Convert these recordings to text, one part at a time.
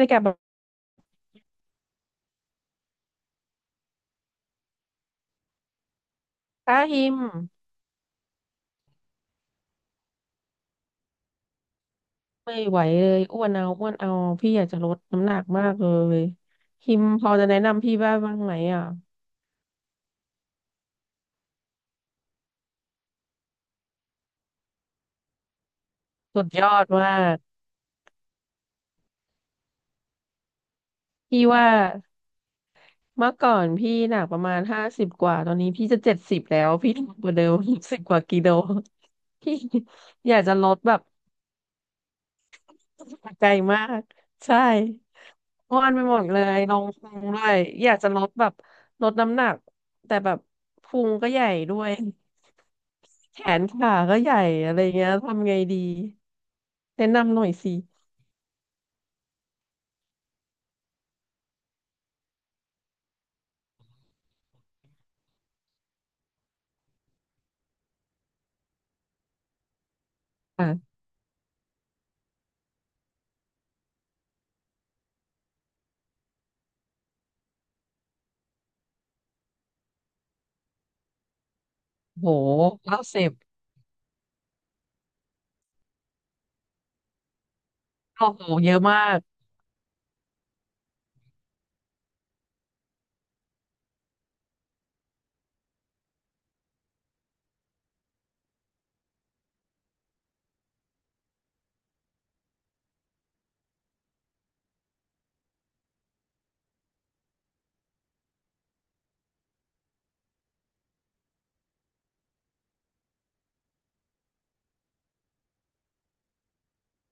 เลยกับแบบป้าฮิมไม่ไหวเลยอ้วนเอาอ้วนเอาพี่อยากจะลดน้ำหนักมากเลยฮิมพอจะแนะนำพี่บ้างไหมอ่ะสุดยอดมากพี่ว่าเมื่อก่อนพี่หนักประมาณห้าสิบกว่าตอนนี้พี่จะเจ็ดสิบแล้วพี่หนักกว่าเดิมสิบกว่ากิโลพี่อยากจะลดแบบใจมากใช่อ้วนไปหมดเลยลงพุงด้วยอยากจะลดแบบลดน้ำหนักแต่แบบพุงก็ใหญ่ด้วย แขนขาก็ใหญ่อะไรเงี้ยทำไงดีแนะนำหน่อยสิอ่ะโหเก้าสิบโอ้โหเยอะมาก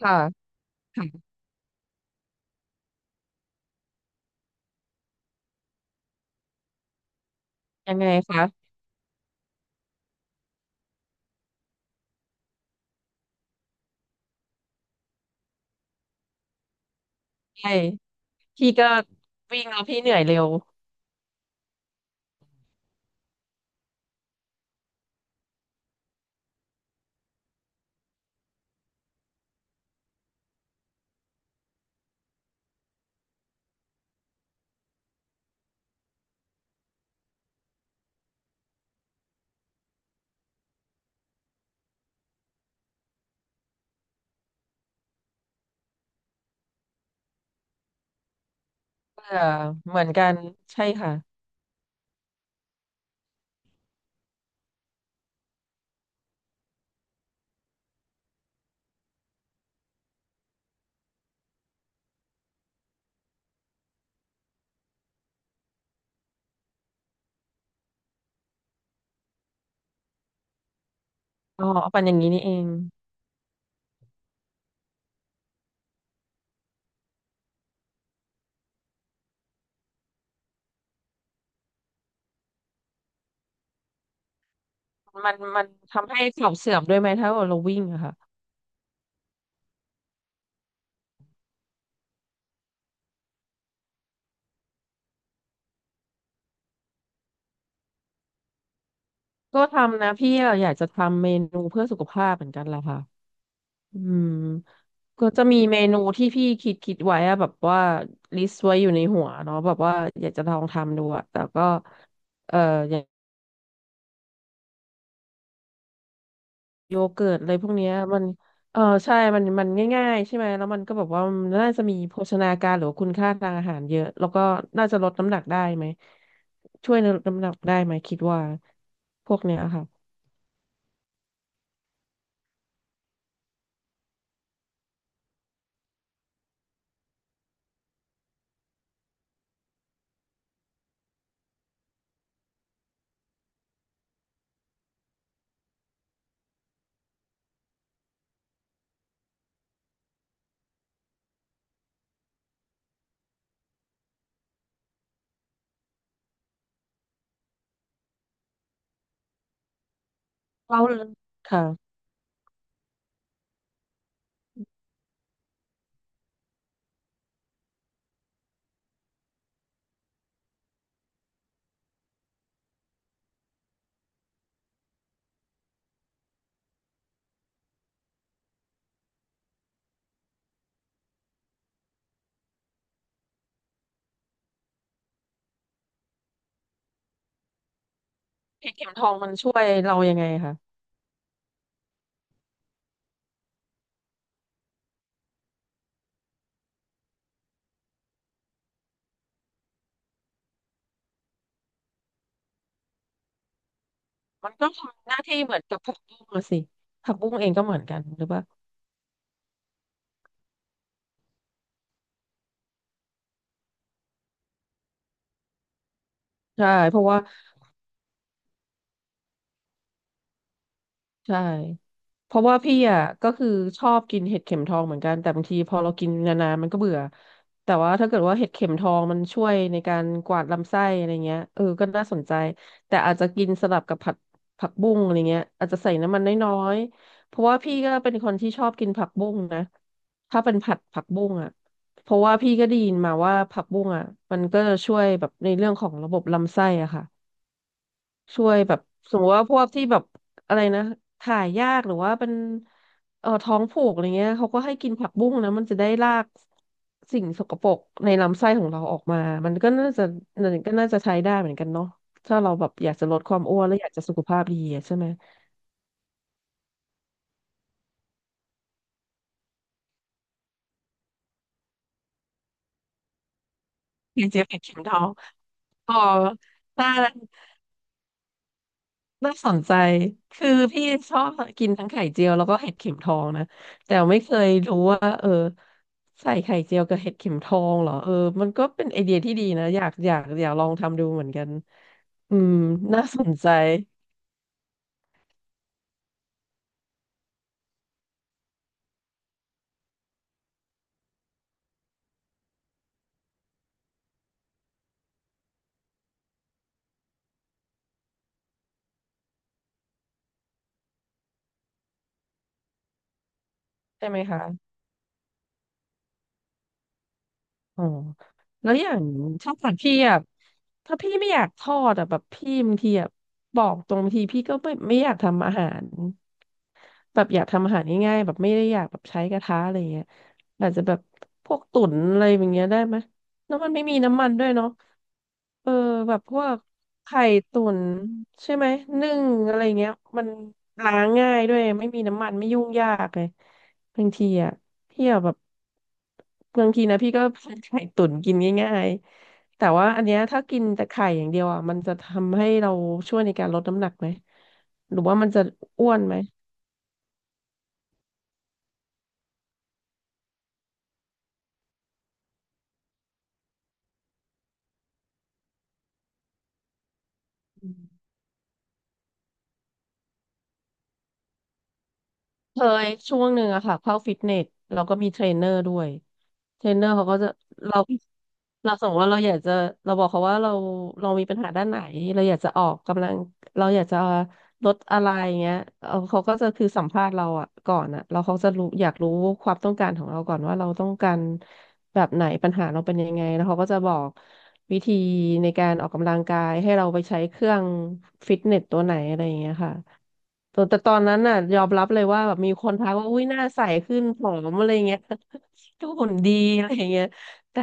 ค่ะค่ะยังไงคะใช่พี่ก็วิ่งแล้วพี่เหนื่อยเร็วเออเหมือนกันใช่ค่ะอ๋อเอาปั่นอย่างนี้นี่เองมันทำให้เข่าเสื่อมด้วยไหมถ้าเราวิ่งอะค่ะก็ทำนะพี่อะอยากจะทำเมนูเพื่อสุขภาพเหมือนกันแหละค่ะ อืมก็จะมีเมนูที่พี่คิดไว้อะแบบว่าลิสต์ไว้อยู่ในหัวเนาะแบบว่าอยากจะลองทำดูอะแต่ก็เอ่ออย่างโยเกิร์ตอะไรพวกเนี้ยมันเออใช่มันง่ายๆใช่ไหมแล้วมันก็แบบว่ามันน่าจะมีโภชนาการหรือว่าคุณค่าทางอาหารเยอะแล้วก็น่าจะลดน้ำหนักได้ไหมช่วยลดน้ำหนักได้ไหมคิดว่าพวกเนี้ยค่ะเราค่ะเห็ดเข็มทองมันช่วยเรายังไงคะ มันก็ทำหน้าที่เหมือนกับผักบุ้งอะสิผักบุ้งเองก็เหมือนกันหรือเปล่าใช่เพราะว่าใช่ เพราะว่าพี่อ่ะก็คือชอบกินเห็ดเข็มทองเหมือนกันแต่บางทีพอเรากินนานๆมันก็เบื่อแต่ว่าถ้าเกิดว่าเห็ดเข็มทองมันช่วยในการกวาดลำไส้อะไรเงี้ยเออก็น่าสนใจแต่อาจจะกินสลับกับผัดผักบุ้งอะไรเงี้ยอาจจะใส่น้ำมันน้อยๆเพราะว่าพี่ก็เป็นคนที่ชอบกินผักบุ้งนะถ้าเป็นผัดผักบุ้งอ่ะเพราะว่าพี่ก็ได้ยินมาว่าผักบุ้งอ่ะมันก็ช่วยแบบในเรื่องของระบบลำไส้อ่ะค่ะ ช่วยแบบสมมติว่าพวกที่แบบอะไรนะถ่ายยากหรือว่าเป็นท้องผูกอะไรเงี้ยเขาก็ให้กินผักบุ้งนะมันจะได้ลากสิ่งสกปรกในลำไส้ของเราออกมามันก็น่าจะมันก็น่าจะใช้ได้เหมือนกันเนาะถ้าเราแบบอยากจะลดความอ้วนและอยากจะสุขภาพดีอะใช่ไหมอยาจะเป็นเข็มทองอ๋อได้ น่าสนใจ คือพี่ชอบกินทั้งไข่เจียวแล้วก็เห็ดเข็มทองนะ แต่ไม่เคยรู้ว่าเออใส่ไข่เจียวกับเห็ดเข็มทองเหรอเออมันก็เป็นไอเดียที่ดีนะอยากลองทำดูเหมือนกันอืมน่าสนใจใช่ไหมคะ อ๋อแล้วอย่างช้างสัตพี่อ่ะถ้าพี่ไม่อยากทอดอ่ะแบบพี่บางทีอ่ะบอกตรงบางทีพี่ก็ไม่อยากทำอาหารแบบอยากทำอาหารง่ายๆแบบไม่ได้อยากแบบใช้กระทะอะไรเงี้ยอาจจะแบบพวกตุ๋นอะไรอย่างเงี้ยได้ไหมแล้วมันไม่มีน้ำมันด้วยเนาะเออแบบพวกไข่ตุ๋นใช่ไหมนึ่งอะไรเงี้ยมันล้างง่ายด้วยไม่มีน้ำมันไม่ยุ่งยากเลย บางทีอ่ะพี่อะแบบบางทีนะพี่ก็ ผัดไข่ตุ๋นกินง่ายๆแต่ว่าอันเนี้ยถ้ากินแต่ไข่อย่างเดียวอ่ะมันจะทำให้เราช่วยในการลดน้ำหนักไหมหรือว่ามันจะอ้วนไหม เคยช่วงหนึ่งอะค่ะเข้าฟิตเนสเราก็มีเทรนเนอร์ด้วยเทรนเนอร์เขาก็จะเราเราสมมติว่าเราอยากจะเราบอกเขาว่าเรามีปัญหาด้านไหนเราอยากจะออกกำลังเราอยากจะลดอะไรเงี้ยเอาเขาก็จะคือสัมภาษณ์เราอะก่อนอะเราเขาจะรู้อยากรู้ความต้องการของเราก่อนว่าเราต้องการแบบไหนปัญหาเราเป็นยังไงแล้วเขาก็จะบอกวิธีในการออกกำลังกายให้เราไปใช้เครื่องฟิตเนสตัวไหนอะไรอย่างเงี้ยค่ะ แต่ตอนนั้นน่ะยอมรับเลยว่าแบบมีคนทักว่าอุ้ยหน้าใสขึ้นผอมอะไรเงี้ย ดูหุ่นดีอะไรเงี้ยแต่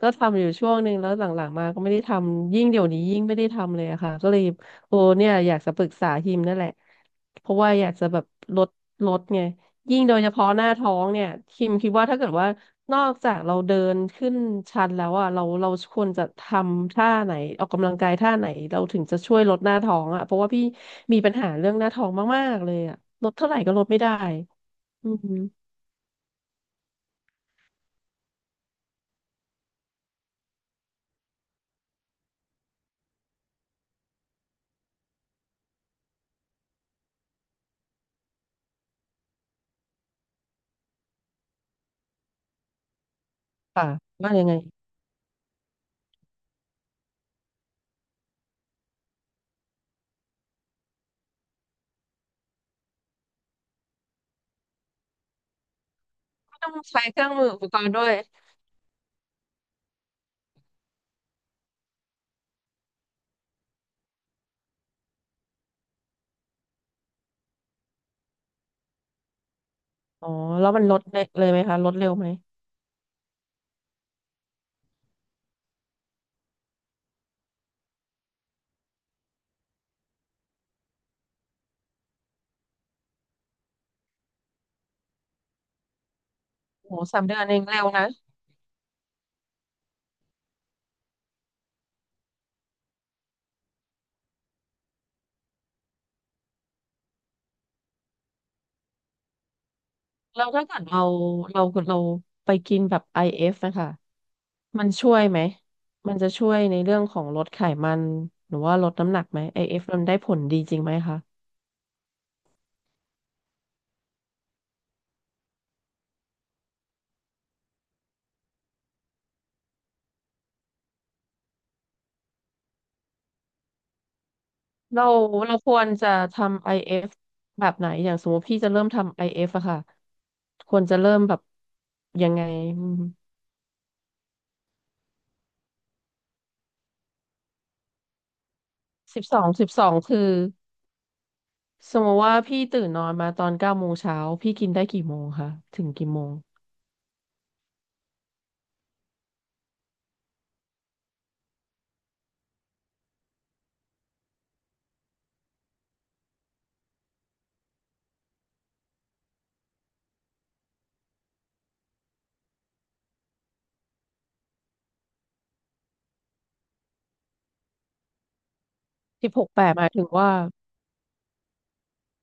ก็ทำอยู่ช่วงหนึ่งแล้วหลังๆมาก็ไม่ได้ทำยิ่งเดี๋ยวนี้ยิ่งไม่ได้ทำเลยอะค่ะก็เลยโอ้เนี่ยอยากจะปรึกษาฮิมนั่นแหละเพราะว่าอยากจะแบบลดลดไงยิ่งโดยเฉพาะหน้าท้องเนี่ยฮิมคิดว่าถ้าเกิดว่า นอกจากเราเดินขึ้นชันแล้วอ่ะเราควรจะทำท่าไหนออกกำลังกายท่าไหนเราถึงจะช่วยลดหน้าท้องอ่ะเพราะว่าพี่มีปัญหาเรื่องหน้าท้องมากๆเลยอ่ะลดเท่าไหร่ก็ลดไม่ได้อืมค่ะว่ายังไงไม่ต้องใช้เครื่องมืออุปกรณ์ด้วยอ๋อแล้วมันลดเลยไหมคะลดเร็วไหมโห3 เดือนเองเร็วนะ แล้วถ้าเกิดเราเราไปกินแบบ IF นะคะมันช่วยไหมมันจะช่วยในเรื่องของลดไขมันหรือว่าลดน้ำหนักไหม i ฟมันได้ผลดีจริงไหมคะเราเราควรจะทำ IF แบบไหนอย่างสมมติพี่จะเริ่มทำ IF อเอฟอะค่ะควรจะเริ่มแบบยังไง12/12คือสมมติว่าพี่ตื่นนอนมาตอนเก้าโมงเช้าพี่กินได้กี่โมงคะถึงกี่โมง16/8หมายถึงว่า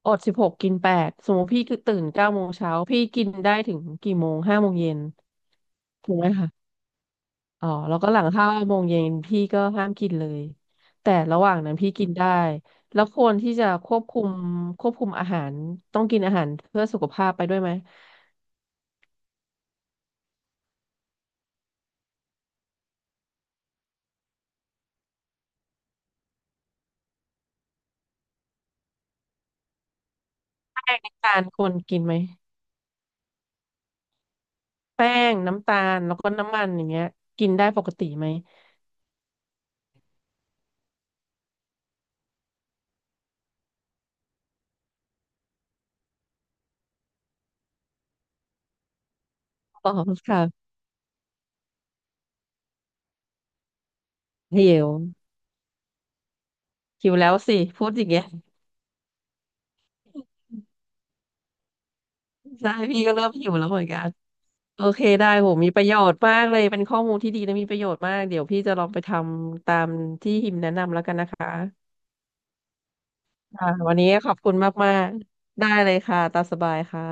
อดสิบหกกิน8สมมติพี่ตื่นเก้าโมงเช้าพี่กินได้ถึงกี่โมงห้าโมงเย็นถูกไหมคะอ๋อแล้วก็หลังห้าโมงเย็นพี่ก็ห้ามกินเลยแต่ระหว่างนั้นพี่กินได้แล้วควรที่จะควบคุมควบคุมอาหารต้องกินอาหารเพื่อสุขภาพไปด้วยไหมน้ำตาลควรกินไหมแป้งน้ำตาลแล้วก็น้ำมันอย่างเงี้ยกินได้ปกติไหมอ๋อค่ะหิวหิวแล้วสิพูดอย่างเงี้ยใช่พี่ก็เริ่มหิวแล้วเหมือนกัน โอเคได้โหมีประโยชน์มากเลยเป็นข้อมูลที่ดีและมีประโยชน์มากเดี๋ยวพี่จะลองไปทำตามที่หิมแนะนำแล้วกันนะคะค่ะวันนี้ขอบคุณมากๆได้เลยค่ะตามสบายค่ะ